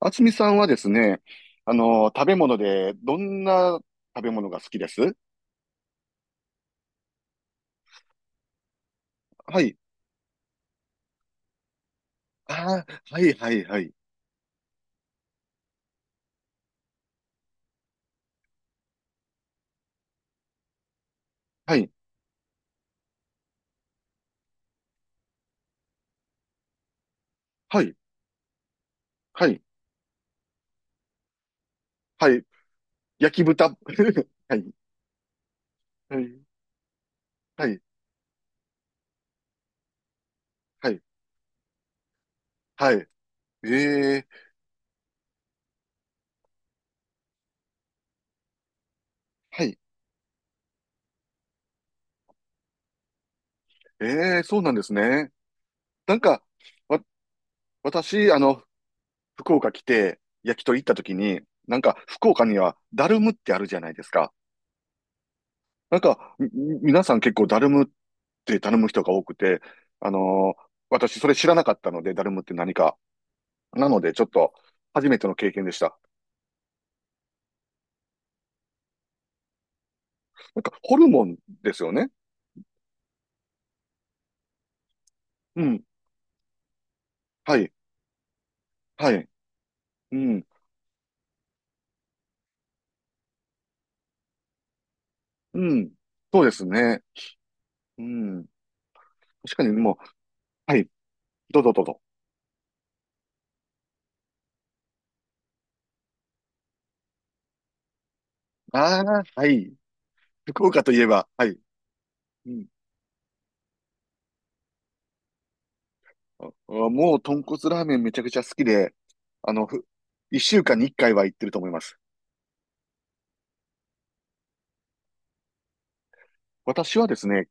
あつみさんはですね、食べ物で、どんな食べ物が好きです？はい。ああ、はい、はい、はい。はい、はい、はい、はい。焼き豚。はい、はい、はい、はい、はい。ええ、はい。ええ、そうなんですね。なんか、わ、私、福岡来て、焼き鳥行った時に、なんか、福岡には、ダルムってあるじゃないですか。なんか、皆さん結構ダルムって頼む人が多くて、私それ知らなかったので、ダルムって何か。なので、ちょっと、初めての経験でした。なんか、ホルモンですよね。うん。はい。はい。うん。うん。そうですね。うん。確かにもう、はい。どうぞどうぞ。ああ、はい。福岡といえば、はい。うん。ああもう、豚骨ラーメンめちゃくちゃ好きで、あの、ふ、一週間に一回は行ってると思います。私はですね、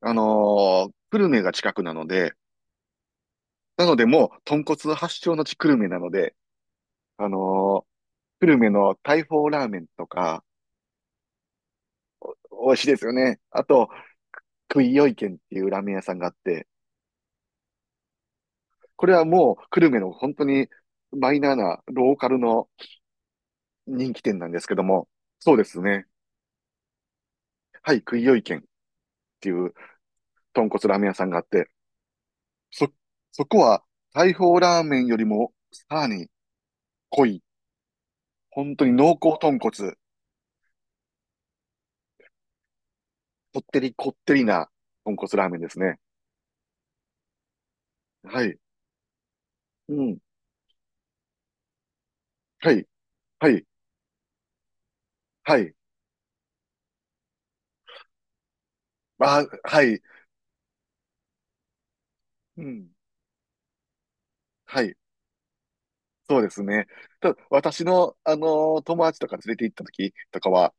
久留米が近くなので、なのでもう、豚骨発祥の地久留米なので、あのー久留米の大砲ラーメンとか、美味しいですよね。あと、クイヨイ軒っていうラーメン屋さんがあって、これはもう、久留米の本当にマイナーなローカルの人気店なんですけども、そうですね。はい、クイヨイ軒っていう豚骨ラーメン屋さんがあって、そ、そこは、大砲ラーメンよりも、さらに濃い、本当に濃厚豚骨。こってりこってりな豚骨ラーメンですね。はい。うん。はい。はい。はい。あ、はい。うん。はい。そうですね。ただ、私の、友達とか連れて行った時とかは、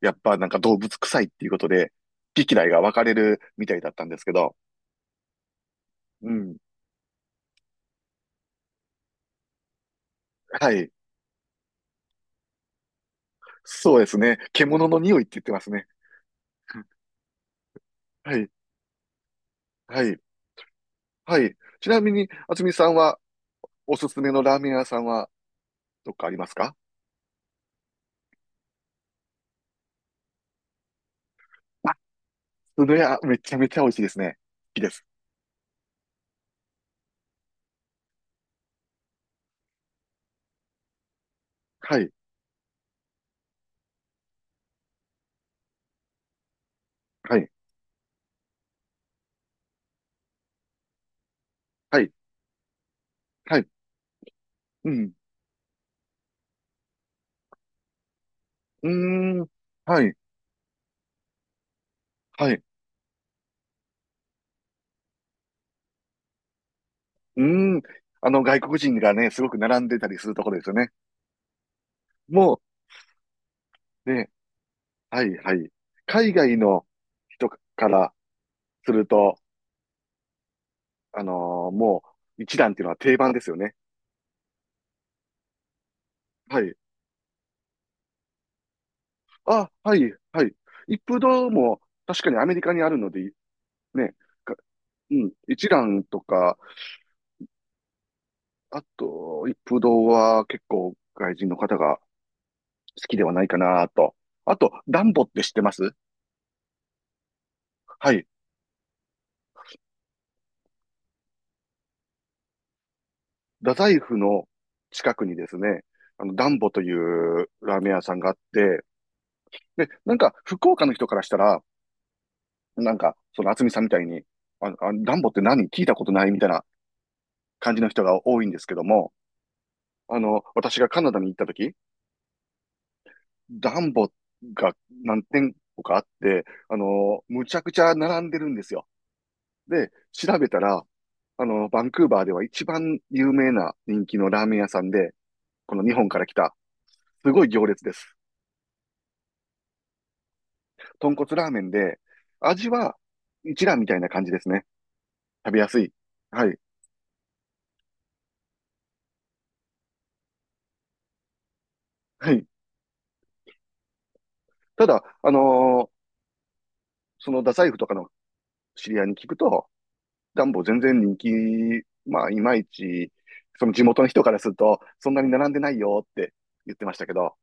やっぱなんか動物臭いっていうことで、好き嫌いが分かれるみたいだったんですけど。うん。はい。そうですね。獣の匂いって言ってますね。はい。はい。はい。ちなみに、渥美さんは、おすすめのラーメン屋さんは、どっかありますか？あ、それはめちゃめちゃ美味しいですね。好きです。はい、はい、はい、はい、うん、うーん、はい、はい、うーん。外国人がね、すごく並んでたりするところですよね。もう、ね、はい、はい。海外の人からすると、あのーもう、一蘭っていうのは定番ですよね。はい。あ、はい、はい。一風堂も、確かにアメリカにあるので、ね、かうん、一蘭とか、あと、一風堂は結構外人の方が好きではないかなと。あと、ダンボって知ってます？はい。太宰府の近くにですね、ダンボというラーメン屋さんがあって、で、なんか、福岡の人からしたら、なんか、その、厚みさんみたいに、ダンボって何聞いたことないみたいな感じの人が多いんですけども、私がカナダに行った時、ダンボが何店舗かあって、むちゃくちゃ並んでるんですよ。で、調べたら、バンクーバーでは一番有名な人気のラーメン屋さんで、この日本から来た、すごい行列です。豚骨ラーメンで、味は一蘭みたいな感じですね。食べやすい。はい。はい。ただ、その太宰府とかの知り合いに聞くと、ダンボ全然人気、まあ、いまいち、その地元の人からすると、そんなに並んでないよって言ってましたけど。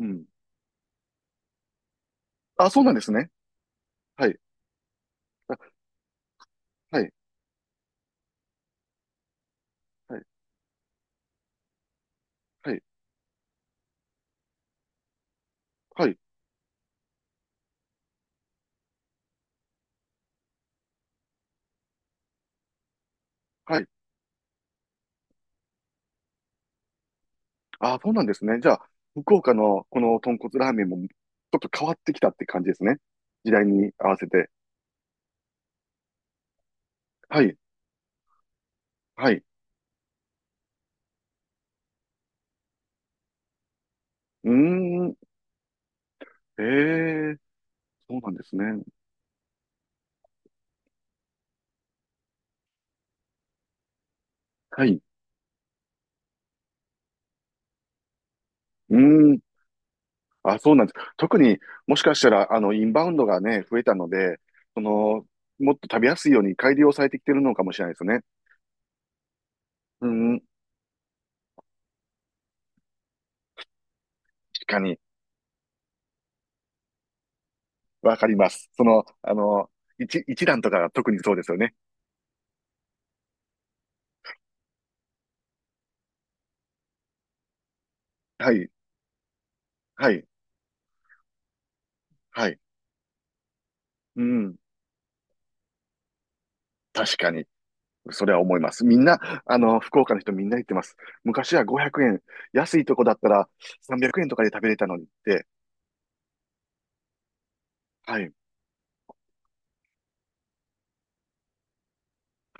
うん。あ、そうなんですね。はい。あはい。はい。はい。はい。はい。ああ、そうなんですね。じゃあ、福岡のこの豚骨ラーメンもちょっと変わってきたって感じですね。時代に合わせて。はい、はい。うーん、ええ、そうなんですね。はい、うーん、あ、そうなんです。特にもしかしたら、インバウンドがね、増えたので、その、もっと食べやすいように改良されてきてるのかもしれないですね。うーん、確かに、わかります。その、一段とかが特にそうですよね。はい、はい、はい。うん、確かに。それは思います。みんな、福岡の人みんな言ってます。昔は500円、安いとこだったら300円とかで食べれたのにって、はい、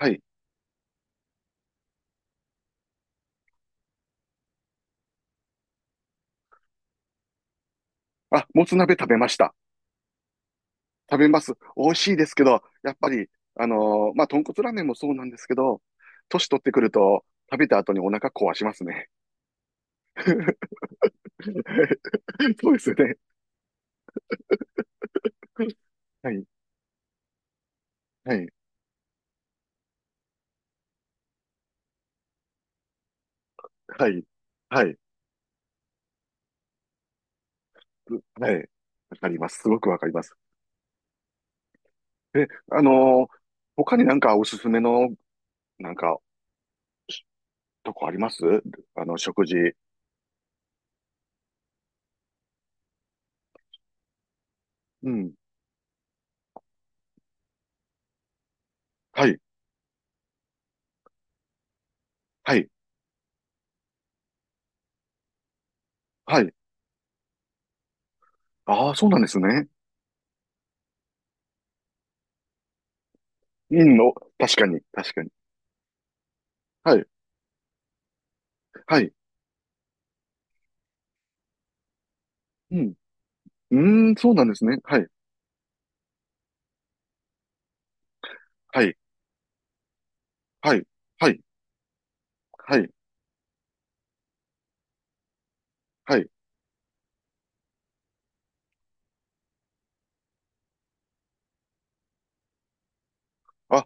はい。あ、もつ鍋食べました。食べます。美味しいですけど、やっぱり、豚骨ラーメンもそうなんですけど、年取ってくると、食べた後にお腹壊しますね。そうですよね。はい、はい、はい、はい、はい。わかります。すごくわかります。え、他になんかおすすめの、なんかとこあります？食事。うん。はい。はい。はい。ああ、そうなんですね。うん、お、確かに。確かに。はい。はい。うん。うーん、そうなんですね。はい。はい。はい。はい。はい。はい。あ、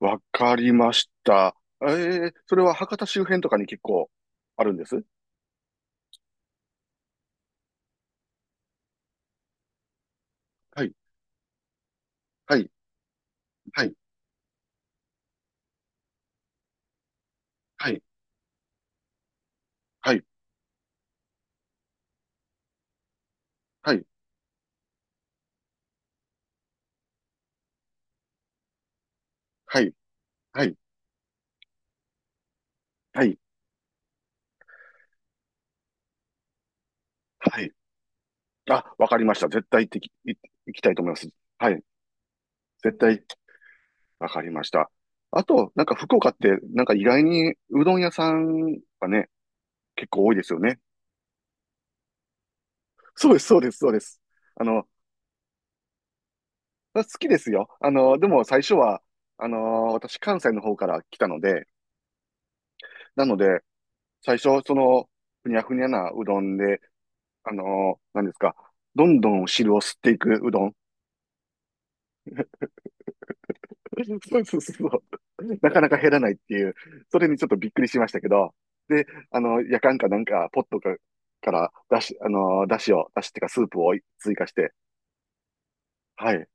わかりました。ええ、それは博多周辺とかに結構あるんです？はい。はい。はい。はい。はい。はい。はい。はい。はい。はい。あ、わかりました。絶対行ってき、行行きたいと思います。はい。絶対。わかりました。あと、なんか福岡って、なんか意外にうどん屋さんがね、結構多いですよね。そうです、そうです、そうです。あの、好きですよ。でも最初は、私関西の方から来たので、なので、最初、その、ふにゃふにゃなうどんで、何ですか、どんどん汁を吸っていくうどん。そうそうそうそう。なかなか減らないっていう、それにちょっとびっくりしましたけど、で、やかんかなんか、ポットか、から出し、出汁を、出汁っていうか、スープを追加して、はい、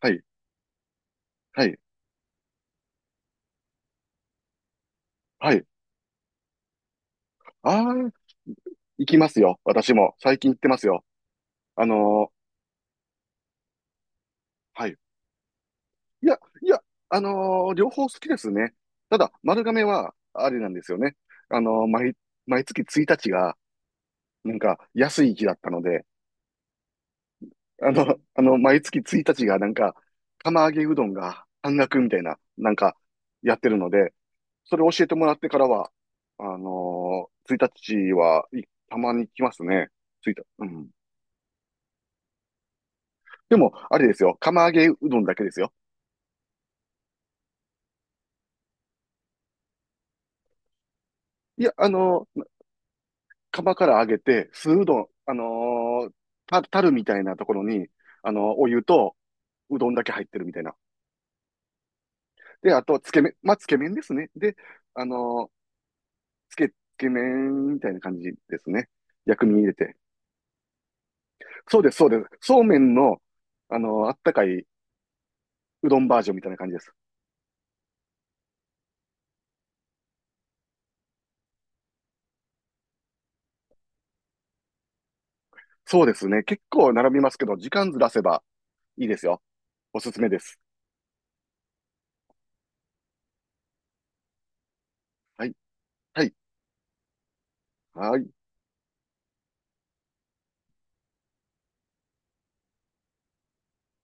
はい、はい、はい。ああ、行きますよ。私も。最近行ってますよ。あのーはい。いや、いや、両方好きですね。ただ、丸亀は、あれなんですよね。あのー毎、毎月1日が、なんか、安い日だったので、毎月1日がなんか、釜揚げうどんが半額みたいな、なんか、やってるので、それを教えてもらってからは、1日は、たまに来ますね。ついた、うん。でも、あれですよ。釜揚げうどんだけですよ。いや、釜から揚げて、酢うどん、ー、たるみたいなところに、お湯とうどんだけ入ってるみたいな。で、あと、つけ麺、まあ、つけ麺ですね。で、あのつけ麺みたいな感じですね。薬味入れて。そうです、そうです。そうめんの、あったかいうどんバージョンみたいな感じです。そうですね。結構並びますけど、時間ずらせばいいですよ。おすすめです。はい、はい。はい。